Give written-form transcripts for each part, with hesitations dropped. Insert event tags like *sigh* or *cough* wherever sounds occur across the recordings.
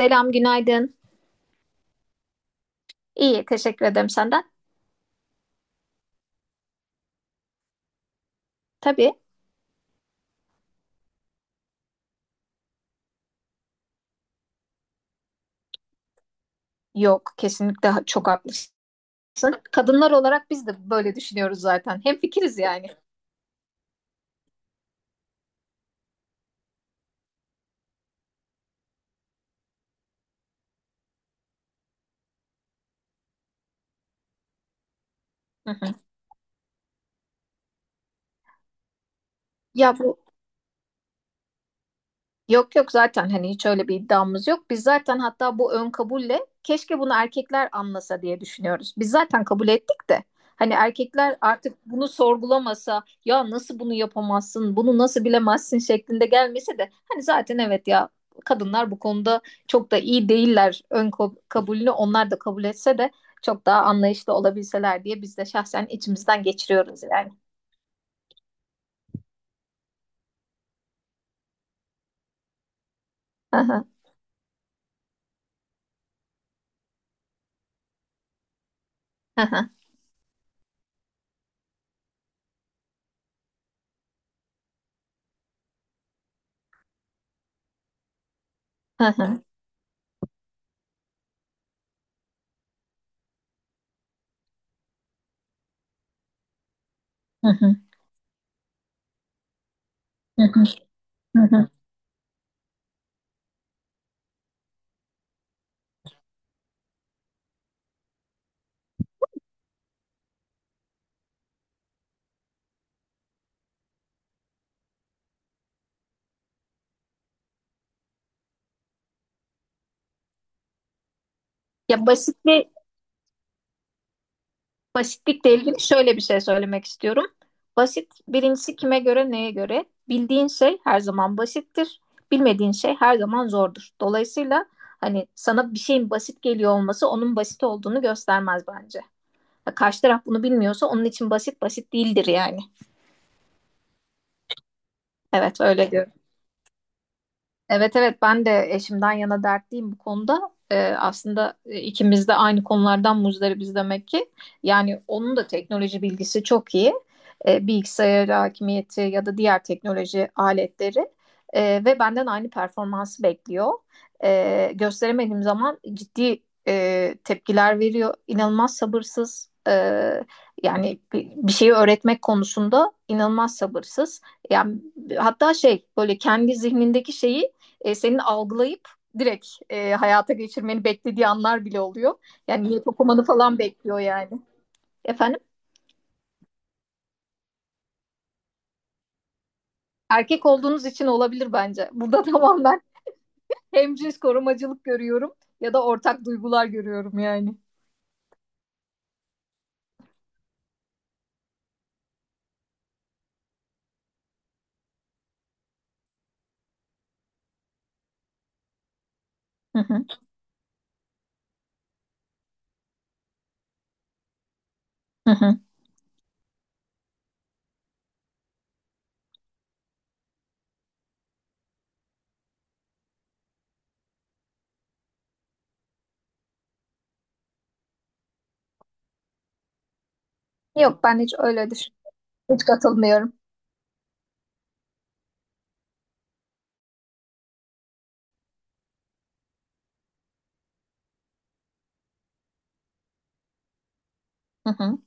Selam, günaydın. İyi, teşekkür ederim senden. Tabii, yok, kesinlikle çok haklısın. Kadınlar olarak biz de böyle düşünüyoruz zaten. Hemfikiriz yani. Hı hı. Ya bu Yok yok zaten hani hiç öyle bir iddiamız yok. Biz zaten hatta bu ön kabulle keşke bunu erkekler anlasa diye düşünüyoruz. Biz zaten kabul ettik de hani erkekler artık bunu sorgulamasa, ya nasıl bunu yapamazsın, bunu nasıl bilemezsin şeklinde gelmese de hani zaten evet ya kadınlar bu konuda çok da iyi değiller ön kabulünü onlar da kabul etse de çok daha anlayışlı olabilseler diye biz de şahsen içimizden geçiriyoruz yani. Hı hı, hı hı, hı hı, hı hı, hı hı, hı hı. Ya basit bir Basitlikle ilgili şöyle bir şey söylemek istiyorum. Basit birincisi kime göre neye göre? Bildiğin şey her zaman basittir. Bilmediğin şey her zaman zordur. Dolayısıyla hani sana bir şeyin basit geliyor olması onun basit olduğunu göstermez bence. Ya karşı taraf bunu bilmiyorsa onun için basit basit değildir yani. Evet öyle diyorum. Evet evet, ben de eşimden yana dertliyim bu konuda. Aslında ikimiz de aynı konulardan muzdaribiz demek ki. Yani onun da teknoloji bilgisi çok iyi. Bilgisayar hakimiyeti ya da diğer teknoloji aletleri. Ve benden aynı performansı bekliyor. Gösteremediğim zaman ciddi tepkiler veriyor. İnanılmaz sabırsız. Yani bir şeyi öğretmek konusunda inanılmaz sabırsız. Yani hatta şey böyle kendi zihnindeki şeyi senin algılayıp direkt hayata geçirmeni beklediği anlar bile oluyor. Yani niyet okumanı falan bekliyor yani. Efendim? Erkek olduğunuz için olabilir bence. Burada *laughs* tamamen hemcins korumacılık görüyorum ya da ortak duygular görüyorum yani. *laughs* Yok, ben hiç öyle düşün. Hiç katılmıyorum. *laughs*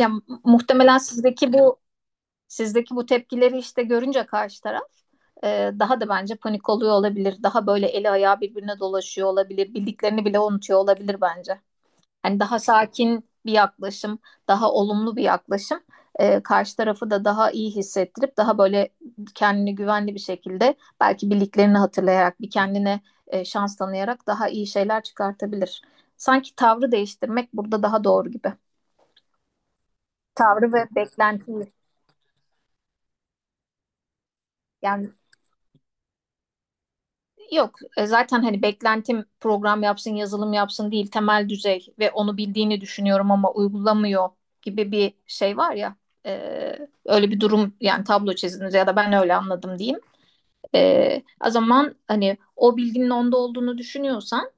Ya, muhtemelen sizdeki bu tepkileri işte görünce karşı taraf daha da bence panik oluyor olabilir. Daha böyle eli ayağı birbirine dolaşıyor olabilir. Bildiklerini bile unutuyor olabilir bence. Hani daha sakin bir yaklaşım, daha olumlu bir yaklaşım karşı tarafı da daha iyi hissettirip daha böyle kendini güvenli bir şekilde belki bildiklerini hatırlayarak bir kendine şans tanıyarak daha iyi şeyler çıkartabilir. Sanki tavrı değiştirmek burada daha doğru gibi. Tavrı ve beklentiyi yani. Yok, zaten hani beklentim program yapsın yazılım yapsın değil, temel düzey ve onu bildiğini düşünüyorum ama uygulamıyor gibi bir şey var ya, e, öyle bir durum yani, tablo çizdiniz ya da ben öyle anladım diyeyim. O zaman hani o bilginin onda olduğunu düşünüyorsan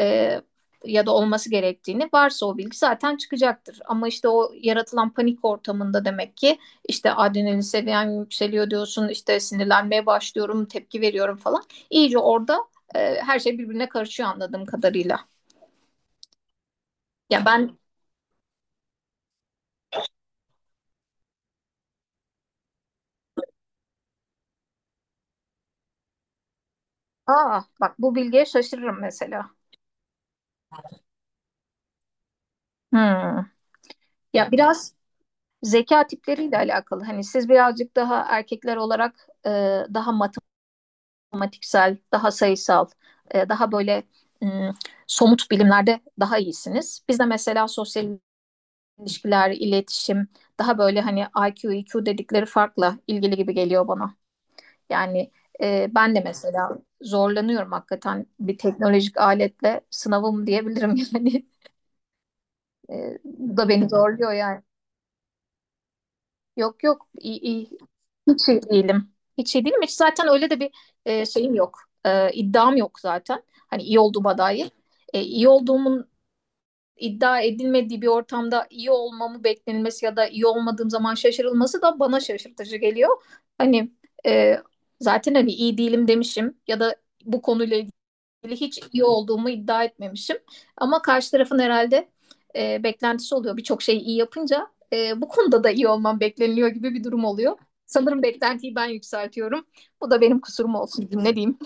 e, ya da olması gerektiğini varsa o bilgi zaten çıkacaktır. Ama işte o yaratılan panik ortamında demek ki, işte adrenalin seviyen yükseliyor diyorsun, işte sinirlenmeye başlıyorum, tepki veriyorum falan. İyice orada her şey birbirine karışıyor anladığım kadarıyla. Ya ben aa bak, bu bilgiye şaşırırım mesela. Hmm. Ya biraz zeka tipleriyle alakalı. Hani siz birazcık daha erkekler olarak daha matematiksel, daha sayısal, daha böyle somut bilimlerde daha iyisiniz. Bizde mesela sosyal ilişkiler, iletişim, daha böyle hani IQ, EQ dedikleri farkla ilgili gibi geliyor bana. Yani ben de mesela zorlanıyorum, hakikaten bir teknolojik aletle sınavım diyebilirim yani. *laughs* Bu da beni zorluyor yani. Yok yok, iyi, iyi hiç iyi değilim. Hiç iyi değilim. Hiç zaten öyle de bir şeyim yok. İddiam yok zaten. Hani iyi olduğuma dair. İyi olduğumun iddia edilmediği bir ortamda iyi olmamı beklenilmesi ya da iyi olmadığım zaman şaşırılması da bana şaşırtıcı geliyor. Hani e, zaten hani iyi değilim demişim ya da bu konuyla hiç iyi olduğumu iddia etmemişim. Ama karşı tarafın herhalde beklentisi oluyor. Birçok şeyi iyi yapınca bu konuda da iyi olmam bekleniliyor gibi bir durum oluyor. Sanırım beklentiyi ben yükseltiyorum. Bu da benim kusurum olsun, ne diyeyim.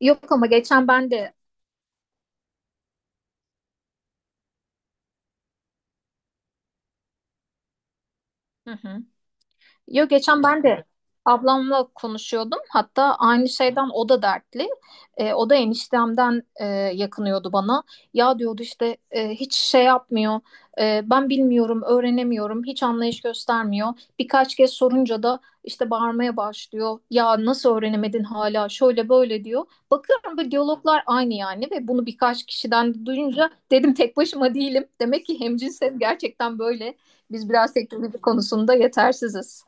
Yok ama geçen ben de Hı hı. Yo, geçen ben de ablamla konuşuyordum. Hatta aynı şeyden o da dertli. O da eniştemden yakınıyordu bana. Ya diyordu işte, hiç şey yapmıyor. Ben bilmiyorum, öğrenemiyorum. Hiç anlayış göstermiyor. Birkaç kez sorunca da işte bağırmaya başlıyor. Ya nasıl öğrenemedin hala? Şöyle böyle diyor. Bakıyorum bu diyaloglar aynı yani, ve bunu birkaç kişiden duyunca dedim tek başıma değilim. Demek ki hemcinsel gerçekten böyle. Biz biraz teknoloji konusunda yetersiziz.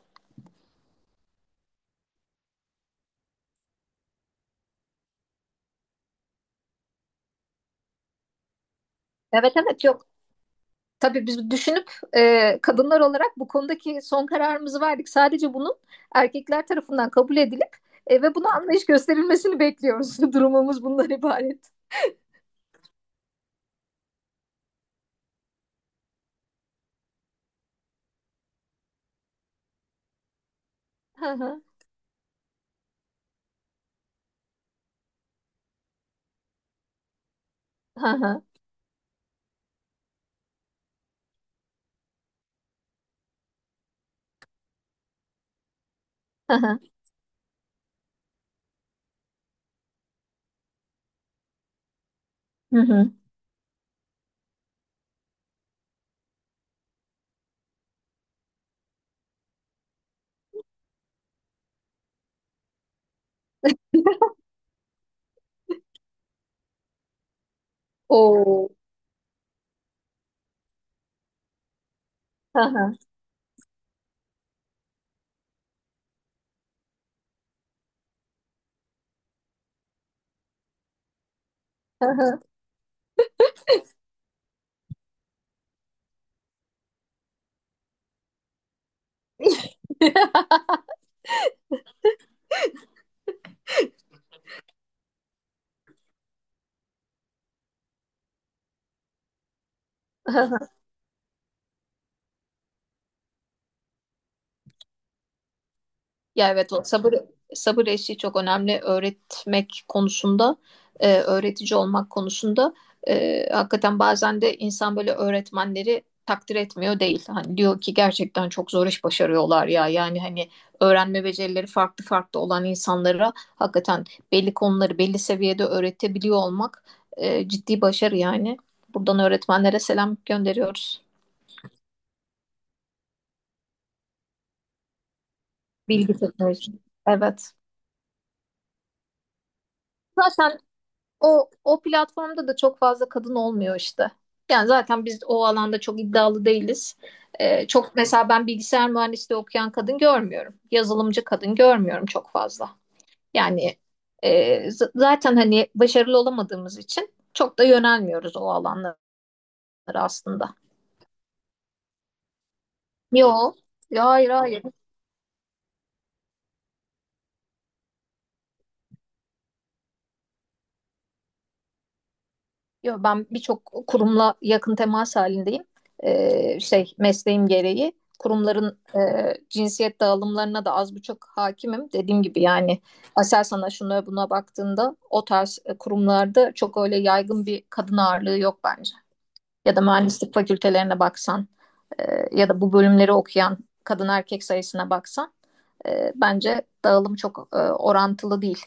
Evet evet, yok. Tabii biz düşünüp kadınlar olarak bu konudaki son kararımızı verdik. Sadece bunun erkekler tarafından kabul edilip ve buna anlayış gösterilmesini bekliyoruz. *laughs* Durumumuz bundan ibaret. Hı hı, hı hı, hı hı, hı hı. *laughs* Oo. Hı hı, hı hı. *laughs* Ya evet, o sabır eşiği çok önemli öğretmek konusunda, öğretici olmak konusunda. Hakikaten bazen de insan böyle öğretmenleri takdir etmiyor değil. Hani diyor ki gerçekten çok zor iş başarıyorlar ya. Yani hani öğrenme becerileri farklı farklı olan insanlara hakikaten belli konuları belli seviyede öğretebiliyor olmak ciddi başarı yani. Buradan öğretmenlere selam gönderiyoruz. Bilgi teknolojisi. Evet. Zaten O platformda da çok fazla kadın olmuyor işte. Yani zaten biz o alanda çok iddialı değiliz. Çok mesela ben bilgisayar mühendisliği okuyan kadın görmüyorum. Yazılımcı kadın görmüyorum çok fazla. Yani e, zaten hani başarılı olamadığımız için çok da yönelmiyoruz o alanlara aslında. Yok. Hayır hayır. Yo, ben birçok kurumla yakın temas halindeyim. Şey mesleğim gereği kurumların cinsiyet dağılımlarına da az buçuk hakimim. Dediğim gibi yani, Aselsan'a şuna buna baktığında o tarz kurumlarda çok öyle yaygın bir kadın ağırlığı yok bence. Ya da mühendislik fakültelerine baksan e, ya da bu bölümleri okuyan kadın erkek sayısına baksan bence dağılım çok orantılı değil.